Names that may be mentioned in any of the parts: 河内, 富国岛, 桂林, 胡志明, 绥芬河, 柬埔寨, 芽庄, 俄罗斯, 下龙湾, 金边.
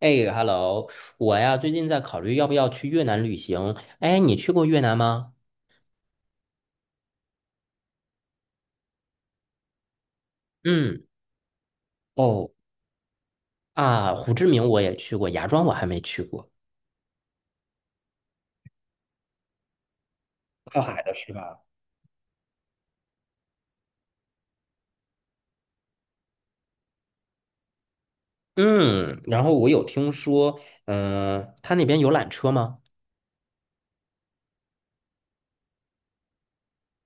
哎，Hello，我呀最近在考虑要不要去越南旅行。哎，你去过越南吗？嗯，哦啊，胡志明我也去过，芽庄我还没去过。靠海的是吧？嗯，然后我有听说，嗯、他那边有缆车吗？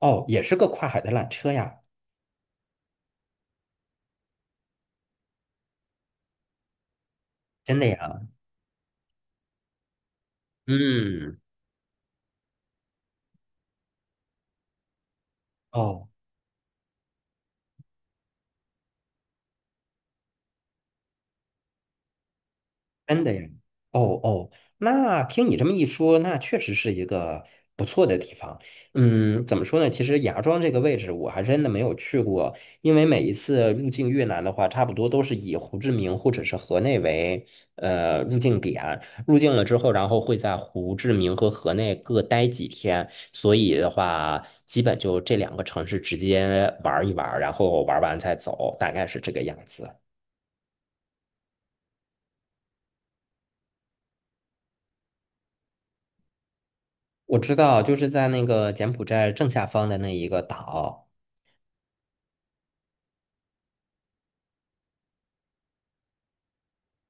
哦，也是个跨海的缆车呀。真的呀？嗯，哦。真的呀，哦哦，那听你这么一说，那确实是一个不错的地方。嗯，怎么说呢？其实芽庄这个位置我还真的没有去过，因为每一次入境越南的话，差不多都是以胡志明或者是河内为入境点。入境了之后，然后会在胡志明和河内各待几天，所以的话，基本就这两个城市直接玩一玩，然后玩完再走，大概是这个样子。我知道，就是在那个柬埔寨正下方的那一个岛，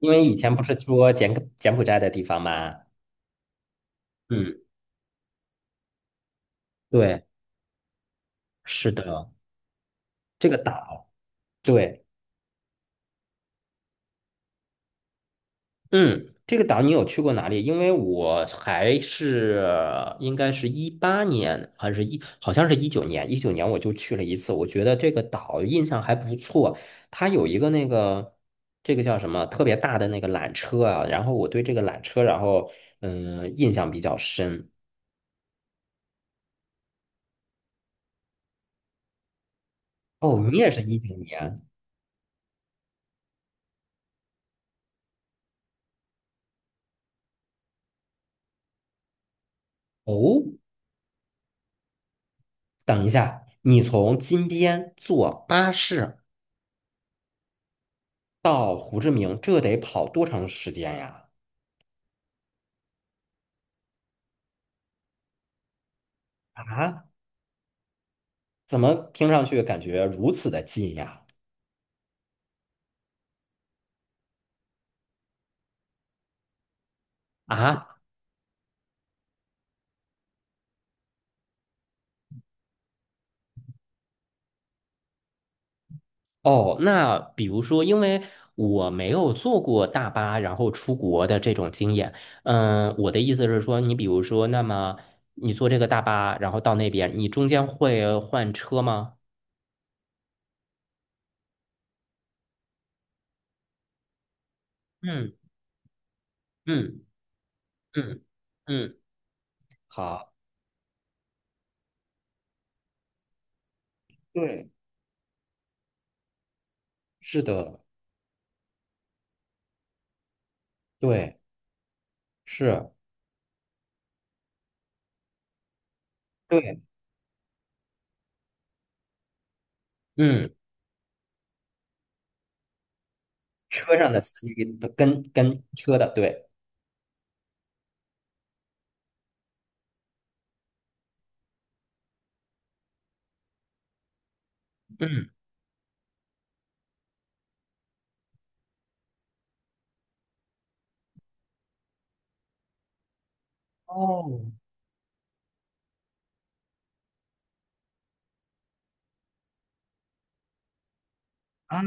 因为以前不是说柬埔寨的地方吗？嗯，对，是的，这个岛，对，嗯，这个岛你有去过哪里？因为我还是应该是18年还是好像是一九年我就去了一次，我觉得这个岛印象还不错，它有一个那个。这个叫什么特别大的那个缆车啊，然后我对这个缆车，然后嗯印象比较深。哦，你也是一九年哦。等一下，你从金边坐巴士到胡志明，这得跑多长时间呀？啊，怎么听上去感觉如此的近呀？啊，哦，那比如说，因为我没有坐过大巴，然后出国的这种经验，嗯，我的意思是说，你比如说，那么你坐这个大巴，然后到那边，你中间会换车吗？嗯嗯嗯嗯，好。对。是的，对，是，对，嗯，车上的司机跟车的，对，嗯，哦，啊，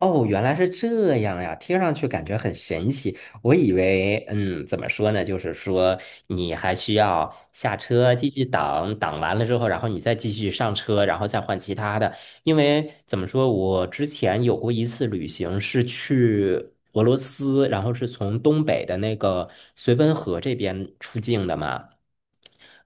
哦，原来是这样呀，听上去感觉很神奇。我以为，嗯，怎么说呢？就是说，你还需要下车继续等，等完了之后，然后你再继续上车，然后再换其他的。因为怎么说，我之前有过一次旅行，是去俄罗斯，然后是从东北的那个绥芬河这边出境的嘛。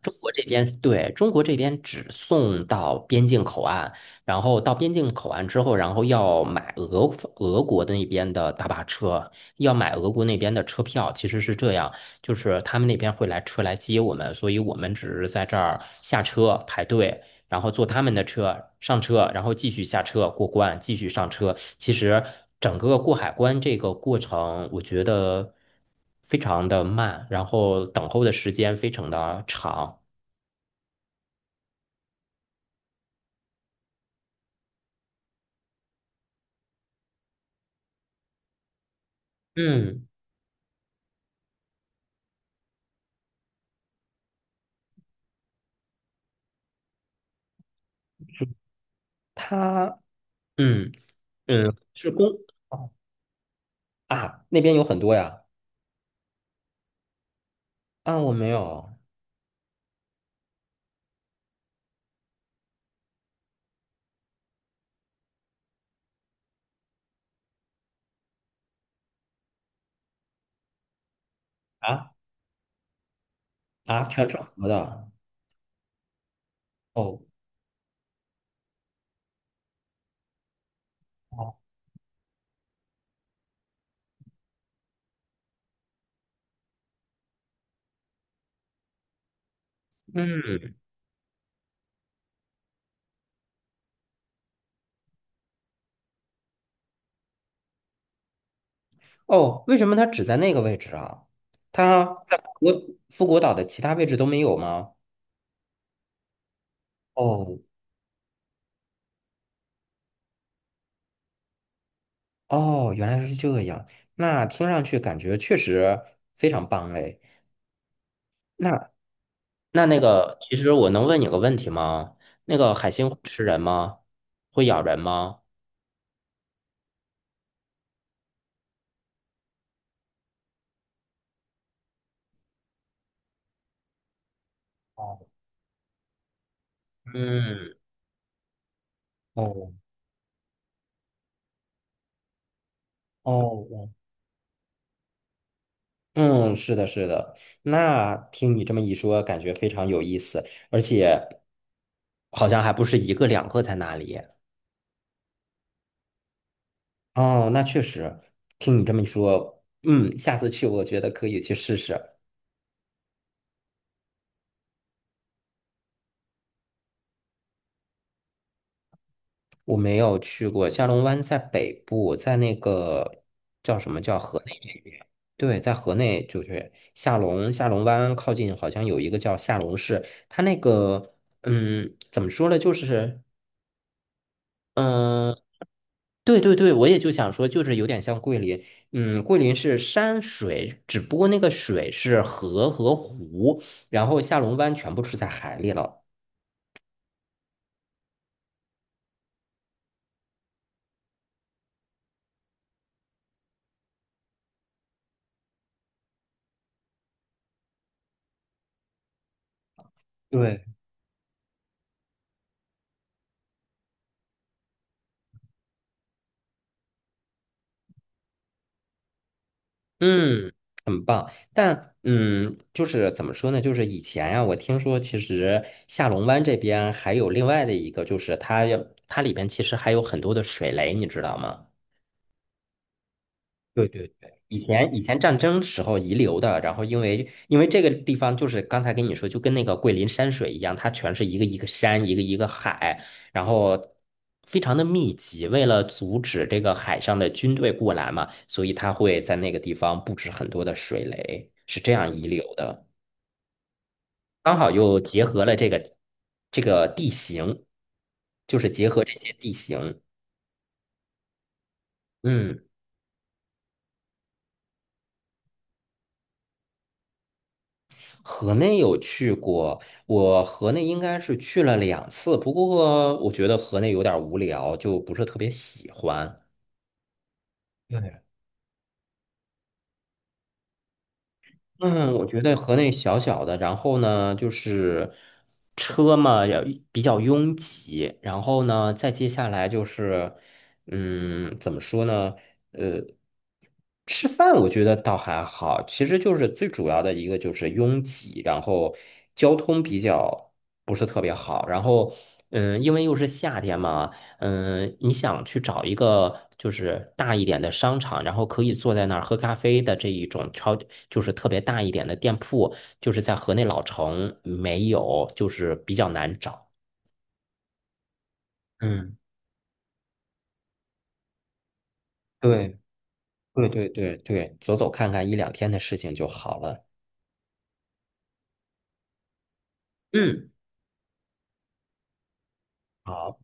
中国这边，对，中国这边只送到边境口岸。然后到边境口岸之后，然后要买俄国的那边的大巴车，要买俄国那边的车票。其实是这样，就是他们那边会来车来接我们，所以我们只是在这儿下车排队，然后坐他们的车上车，然后继续下车过关，继续上车。其实整个过海关这个过程，我觉得非常的慢，然后等候的时间非常的长。嗯，他，嗯嗯是公。啊，那边有很多呀。啊，我没有啊啊，全是河的。哦，哦，嗯，哦，为什么它只在那个位置啊？它在富国岛的其他位置都没有吗？哦哦，原来是这样。那听上去感觉确实非常棒哎。那那个，其实我能问你个问题吗？那个海星会吃人吗？会咬人吗？哦嗯，哦哦，嗯，是的，是的。那听你这么一说，感觉非常有意思，而且好像还不是一个两个在哪里。哦，那确实，听你这么一说，嗯，下次去我觉得可以去试试。我没有去过下龙湾，在北部，在那个叫什么叫河内？对，在河内就是下龙湾靠近，好像有一个叫下龙市，它那个嗯，怎么说呢，就是。嗯。对对对，我也就想说，就是有点像桂林，嗯，桂林是山水，只不过那个水是河和湖，然后下龙湾全部是在海里了。对，嗯，很棒。但嗯，就是怎么说呢？就是以前呀、我听说其实下龙湾这边还有另外的一个，就是它要它里边其实还有很多的水雷，你知道吗？对对对，以前战争时候遗留的，然后因为这个地方就是刚才跟你说，就跟那个桂林山水一样，它全是一个一个山，一个一个海，然后非常的密集。为了阻止这个海上的军队过来嘛，所以它会在那个地方布置很多的水雷，是这样遗留的。刚好又结合了这个地形，就是结合这些地形，嗯。河内有去过，我河内应该是去了两次，不过我觉得河内有点无聊，就不是特别喜欢。对嗯，我觉得和那小小的，然后呢，就是车嘛，要比较拥挤，然后呢，再接下来就是，嗯，怎么说呢？呃，吃饭我觉得倒还好，其实就是最主要的一个就是拥挤，然后交通比较不是特别好，然后嗯，因为又是夏天嘛。嗯，你想去找一个就是大一点的商场，然后可以坐在那儿喝咖啡的这一种超，就是特别大一点的店铺，就是在河内老城没有，就是比较难找。嗯，对，对对对对，走走看看一两天的事情就好了。嗯，好，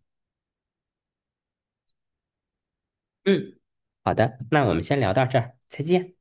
嗯，好的，那我们先聊到这儿，再见。